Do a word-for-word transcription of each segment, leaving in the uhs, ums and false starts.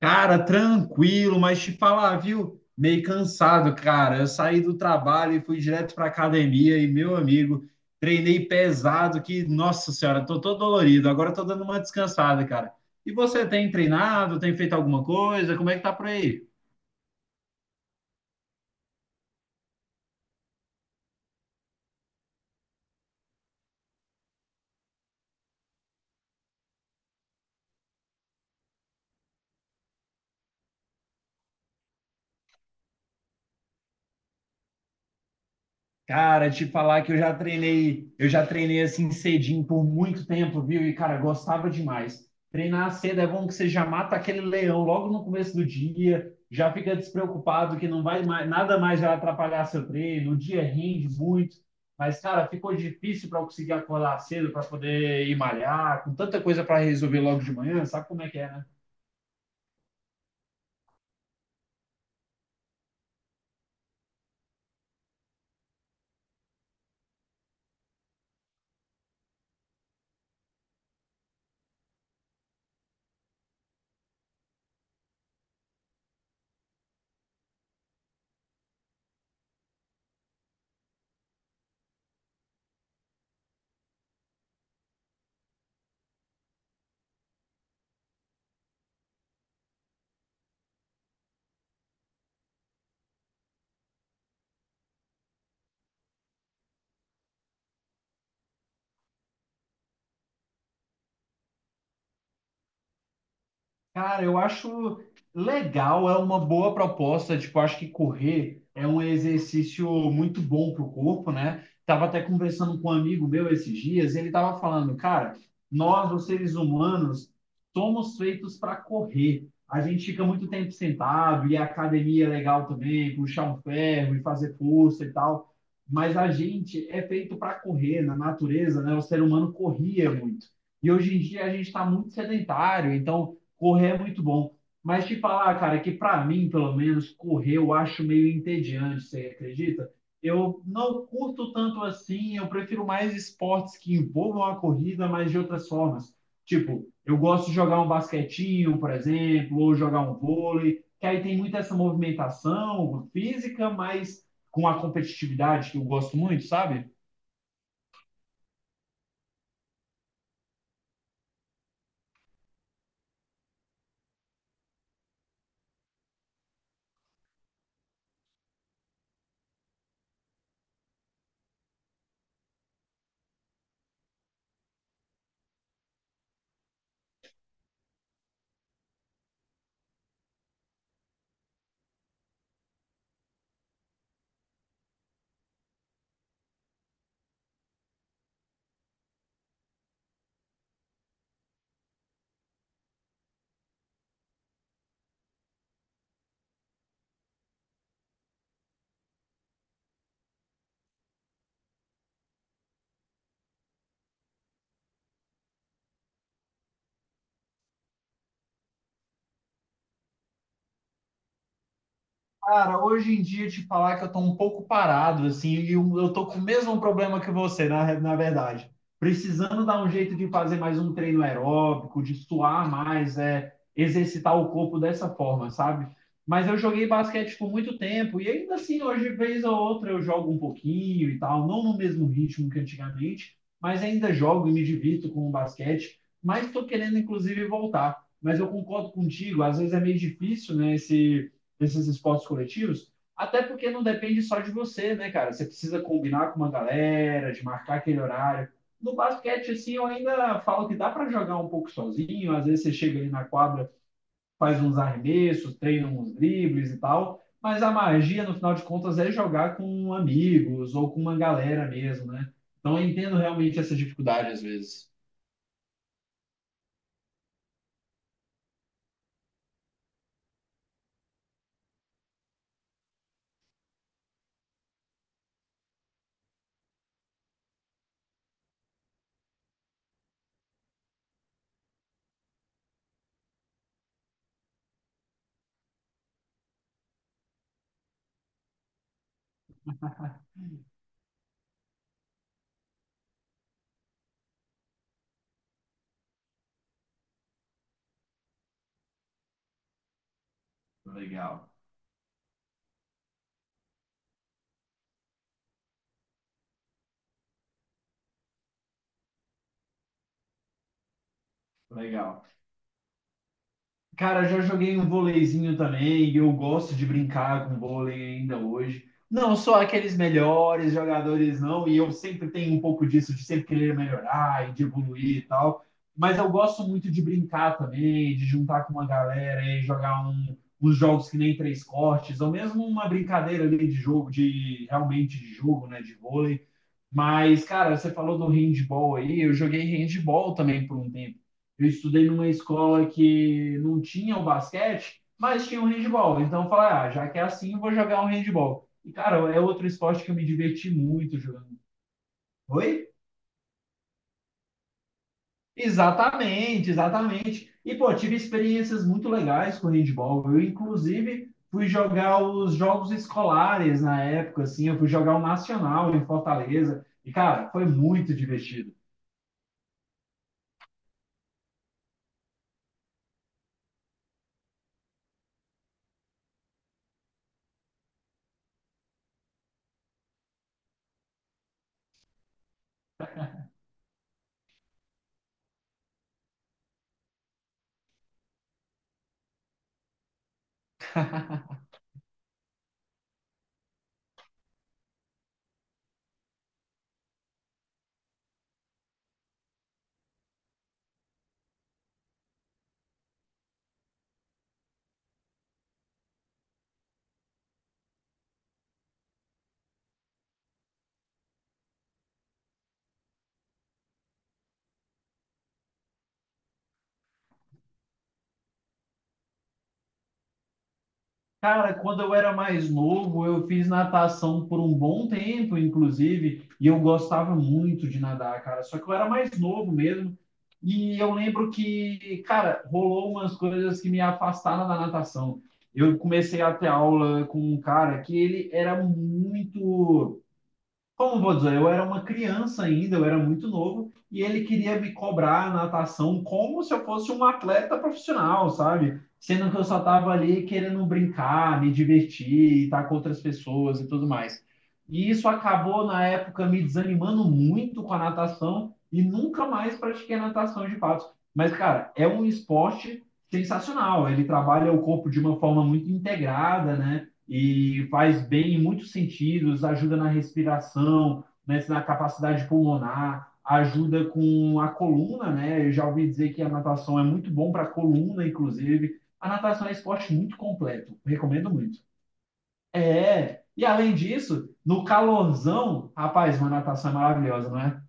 Cara, tranquilo, mas te falar, viu? Meio cansado, cara. Eu saí do trabalho e fui direto pra academia e, meu amigo, treinei pesado que, nossa senhora, tô todo dolorido. Agora tô dando uma descansada, cara. E você tem treinado? Tem feito alguma coisa? Como é que tá por aí? Cara, te falar que eu já treinei, eu já treinei assim cedinho por muito tempo, viu? E, cara, gostava demais. Treinar cedo é bom que você já mata aquele leão logo no começo do dia, já fica despreocupado que não vai mais, nada mais vai atrapalhar seu treino, o dia rende muito. Mas, cara, ficou difícil para eu conseguir acordar cedo para poder ir malhar, com tanta coisa para resolver logo de manhã, sabe como é que é, né? Cara, eu acho legal, é uma boa proposta. Tipo, acho que correr é um exercício muito bom para o corpo, né? Tava até conversando com um amigo meu esses dias, ele tava falando, cara, nós, os seres humanos, somos feitos para correr. A gente fica muito tempo sentado, e a academia é legal também, puxar um ferro e fazer força e tal. Mas a gente é feito para correr na natureza, né? O ser humano corria muito. E hoje em dia a gente está muito sedentário, então correr é muito bom. Mas te falar, cara, que para mim, pelo menos, correr eu acho meio entediante, você acredita? Eu não curto tanto assim, eu prefiro mais esportes que envolvam a corrida, mas de outras formas. Tipo, eu gosto de jogar um basquetinho, por exemplo, ou jogar um vôlei, que aí tem muito essa movimentação física, mas com a competitividade que eu gosto muito, sabe? Cara, hoje em dia te falar que eu tô um pouco parado, assim, e eu, eu tô com o mesmo problema que você, na, re- na verdade. Precisando dar um jeito de fazer mais um treino aeróbico, de suar mais, é, exercitar o corpo dessa forma, sabe? Mas eu joguei basquete por muito tempo, e ainda assim, hoje, vez ou outra, eu jogo um pouquinho e tal, não no mesmo ritmo que antigamente, mas ainda jogo e me divirto com o basquete, mas tô querendo, inclusive, voltar. Mas eu concordo contigo, às vezes é meio difícil, né, esse desses esportes coletivos, até porque não depende só de você, né, cara? Você precisa combinar com uma galera, de marcar aquele horário. No basquete, assim, eu ainda falo que dá para jogar um pouco sozinho. Às vezes você chega ali na quadra, faz uns arremessos, treina uns dribles e tal. Mas a magia, no final de contas, é jogar com amigos ou com uma galera mesmo, né? Então eu entendo realmente essa dificuldade às vezes. Legal, legal. Cara, já joguei um vôleizinho também, e eu gosto de brincar com vôlei ainda hoje. Não sou aqueles melhores jogadores, não, e eu sempre tenho um pouco disso, de sempre querer melhorar e de evoluir e tal. Mas eu gosto muito de brincar também, de juntar com uma galera e jogar um, uns jogos que nem três cortes, ou mesmo uma brincadeira ali de jogo, de realmente de jogo, né, de vôlei. Mas, cara, você falou do handball aí, eu joguei handball também por um tempo. Eu estudei numa escola que não tinha o basquete, mas tinha o handball. Então eu falei, ah, já que é assim, eu vou jogar um handball. E, cara, é outro esporte que eu me diverti muito jogando. Oi? Exatamente, exatamente. E, pô, tive experiências muito legais com handball. Eu, inclusive, fui jogar os jogos escolares na época, assim, eu fui jogar o Nacional em Fortaleza. E, cara, foi muito divertido. Cara, quando eu era mais novo, eu fiz natação por um bom tempo, inclusive, e eu gostava muito de nadar, cara. Só que eu era mais novo mesmo, e eu lembro que, cara, rolou umas coisas que me afastaram da natação. Eu comecei a ter aula com um cara que ele era muito, como vou dizer, eu era uma criança ainda, eu era muito novo, e ele queria me cobrar a natação como se eu fosse um atleta profissional, sabe? Sendo que eu só estava ali querendo brincar, me divertir, estar com outras pessoas e tudo mais. E isso acabou, na época, me desanimando muito com a natação e nunca mais pratiquei natação de fato. Mas, cara, é um esporte sensacional. Ele trabalha o corpo de uma forma muito integrada, né? E faz bem em muitos sentidos, ajuda na respiração, né, na capacidade pulmonar, ajuda com a coluna, né? Eu já ouvi dizer que a natação é muito bom para a coluna, inclusive. A natação é um esporte muito completo, recomendo muito. É, e além disso, no calorzão, rapaz, uma natação é maravilhosa, não é?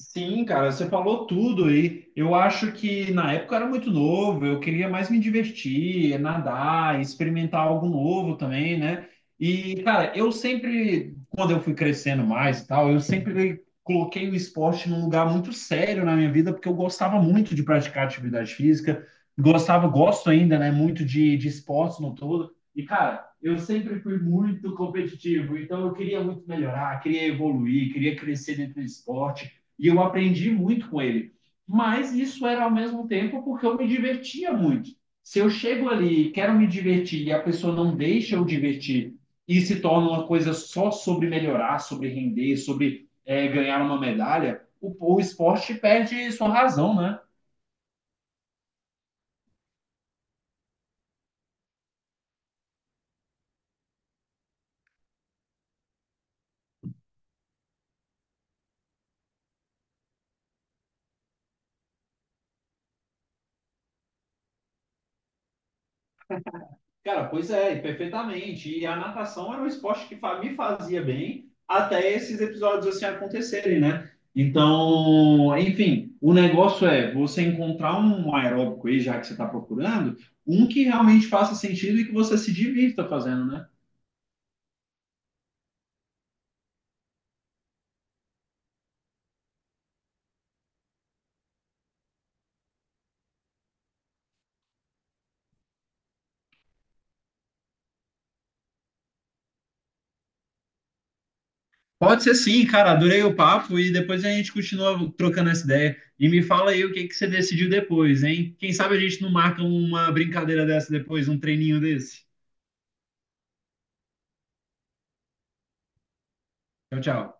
Sim, cara, você falou tudo aí. Eu acho que na época eu era muito novo, eu queria mais me divertir, nadar, experimentar algo novo também, né? E, cara, eu sempre, quando eu fui crescendo mais e tal, eu sempre coloquei o esporte num lugar muito sério na minha vida, porque eu gostava muito de praticar atividade física, gostava, gosto ainda, né, muito de, de esportes no todo. E, cara, eu sempre fui muito competitivo, então eu queria muito melhorar, queria evoluir, queria crescer dentro do esporte. E eu aprendi muito com ele. Mas isso era ao mesmo tempo porque eu me divertia muito. Se eu chego ali e quero me divertir e a pessoa não deixa eu divertir e se torna uma coisa só sobre melhorar, sobre render, sobre é, ganhar uma medalha, o, o esporte perde sua razão, né? Cara, pois é, e perfeitamente. E a natação era um esporte que fa- me fazia bem até esses episódios assim acontecerem, né? Então, enfim, o negócio é você encontrar um aeróbico aí, já que você está procurando, um que realmente faça sentido e que você se divirta fazendo, né? Pode ser sim, cara. Adorei o papo e depois a gente continua trocando essa ideia. E me fala aí o que que você decidiu depois, hein? Quem sabe a gente não marca uma brincadeira dessa depois, um treininho desse. Tchau, tchau.